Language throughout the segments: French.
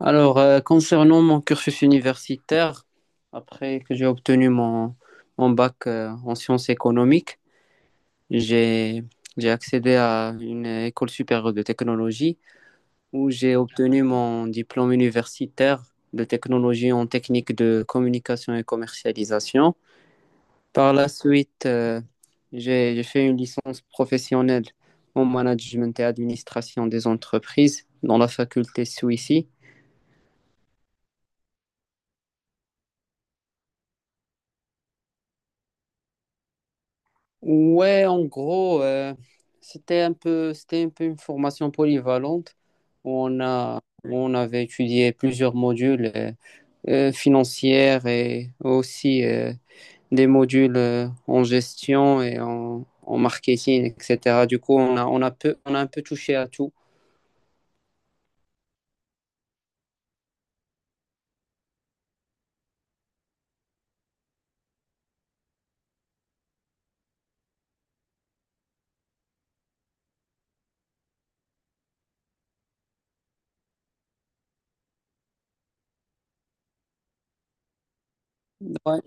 Alors, concernant mon cursus universitaire, après que j'ai obtenu mon bac en sciences économiques, j'ai, j'ai accédé à une école supérieure de technologie où j'ai obtenu mon diplôme universitaire de technologie en technique de communication et commercialisation. Par la suite, j'ai fait une licence professionnelle en management et administration des entreprises dans la faculté Suissi. Ouais, en gros, c'était un peu une formation polyvalente où on a, où on avait étudié plusieurs modules financiers et aussi des modules en gestion et en marketing, etc. Du coup, on a un peu touché à tout. Ouais.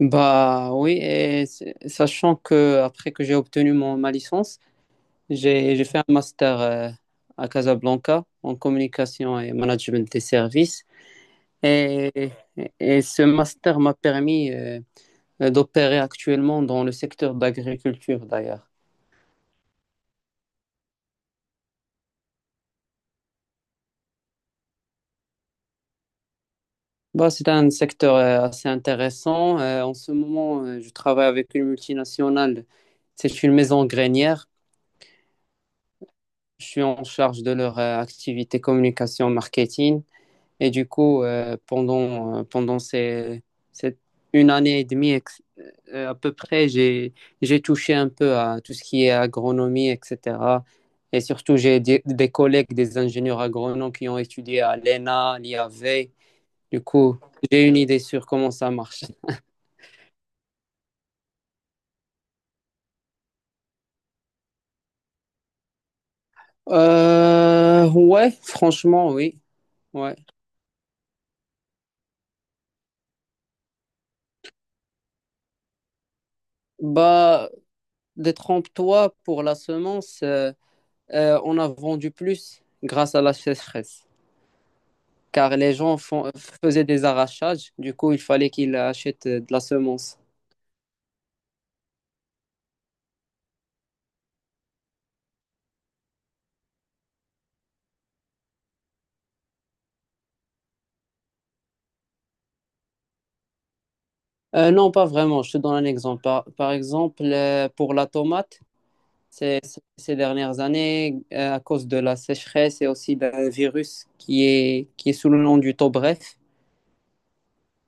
Bah oui, sachant que après que j'ai obtenu ma licence. J'ai fait un master à Casablanca en communication et management des services. Et ce master m'a permis d'opérer actuellement dans le secteur d'agriculture d'ailleurs. Bah, c'est un secteur assez intéressant. En ce moment, je travaille avec une multinationale. C'est une maison grainière. Je suis en charge de leur activité communication marketing. Et du coup, pendant cette une année et demie à peu près, j'ai touché un peu à tout ce qui est agronomie, etc. Et surtout, j'ai des collègues, des ingénieurs agronomes qui ont étudié à l'ENA, l'IAV. Du coup, j'ai une idée sur comment ça marche. Ouais, franchement, oui. Ouais. Bah, détrompe-toi pour la semence. On a vendu plus grâce à la sécheresse. Car les gens faisaient des arrachages, du coup, il fallait qu'ils achètent de la semence. Non, pas vraiment, je te donne un exemple. Par exemple, pour la tomate, ces dernières années, à cause de la sécheresse et aussi d'un virus qui est sous le nom du taux bref.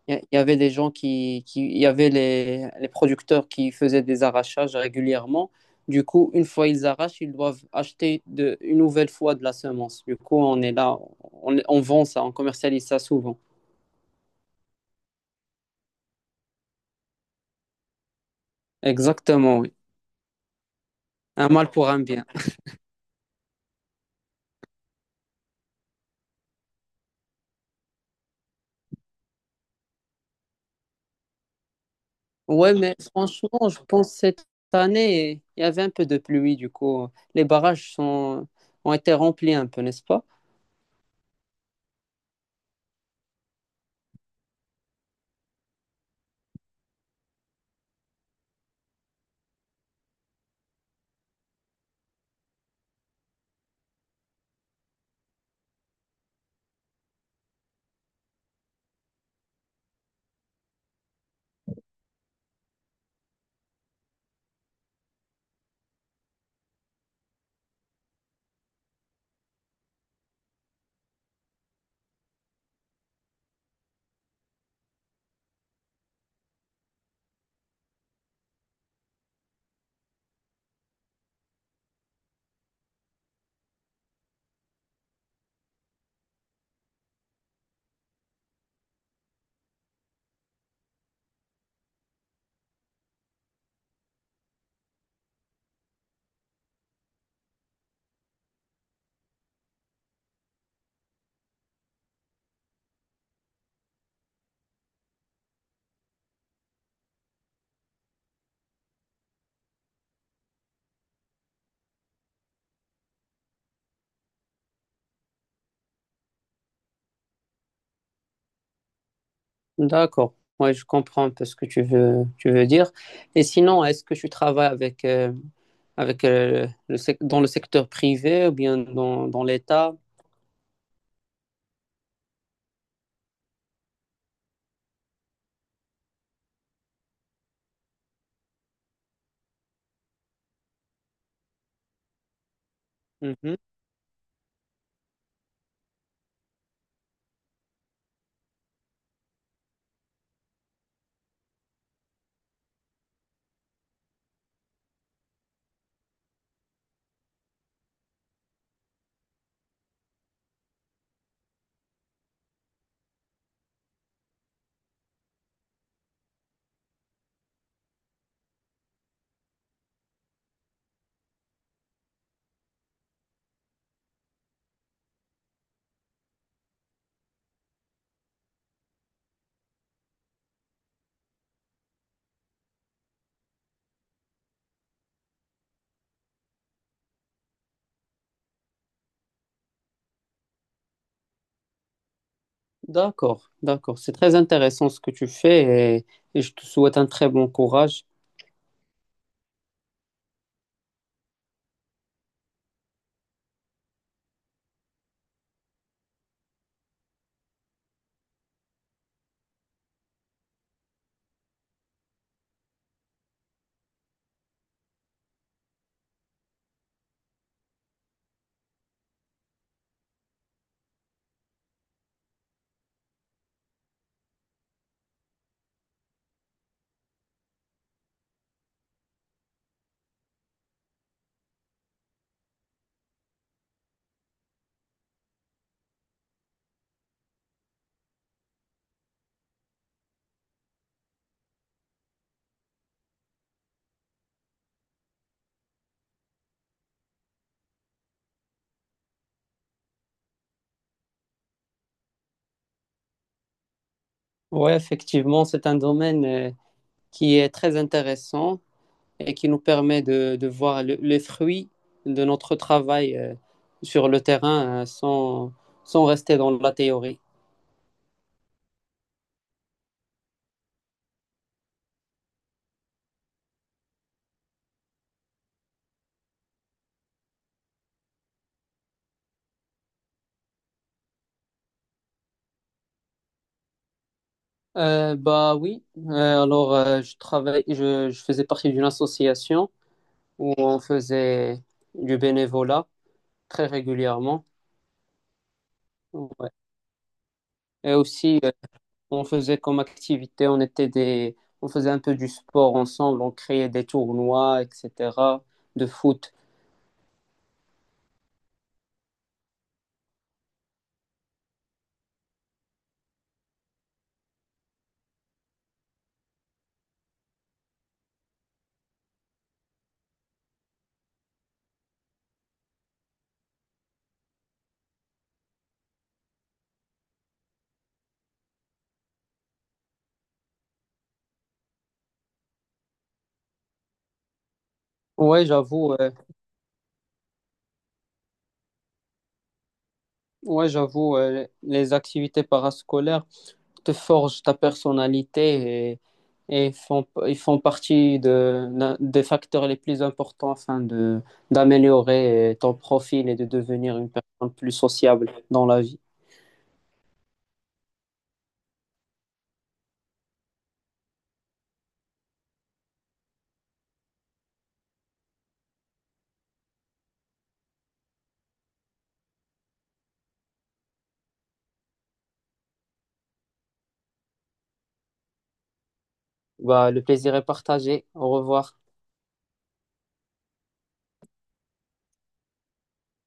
Il y avait des gens il y avait les producteurs qui faisaient des arrachages régulièrement. Du coup, une fois ils arrachent, ils doivent acheter une nouvelle fois de la semence. Du coup, on est là, on vend ça, on commercialise ça souvent. Exactement, oui. Un mal pour un bien. Ouais, mais franchement, je pense que cette année, il y avait un peu de pluie. Du coup, les barrages sont, ont été remplis un peu, n'est-ce pas? D'accord. Ouais, je comprends un peu ce que tu veux dire. Et sinon, est-ce que tu travailles avec dans le secteur privé ou bien dans l'État? Mhm. D'accord, d'accord. C'est très intéressant ce que tu fais, et je te souhaite un très bon courage. Oui, effectivement, c'est un domaine qui est très intéressant, et qui nous permet de voir les fruits de notre travail sur le terrain sans rester dans la théorie. Bah oui. Je travaille, je faisais partie d'une association où on faisait du bénévolat très régulièrement. Ouais. Et aussi, on faisait comme activité, on faisait un peu du sport ensemble, on créait des tournois, etc., de foot. Ouais, j'avoue, euh, Ouais, j'avoue, les activités parascolaires te forgent ta personnalité et, ils font partie d'un- des facteurs les plus importants afin d'améliorer ton profil et de devenir une personne plus sociable dans la vie. Bah, le plaisir est partagé. Au revoir.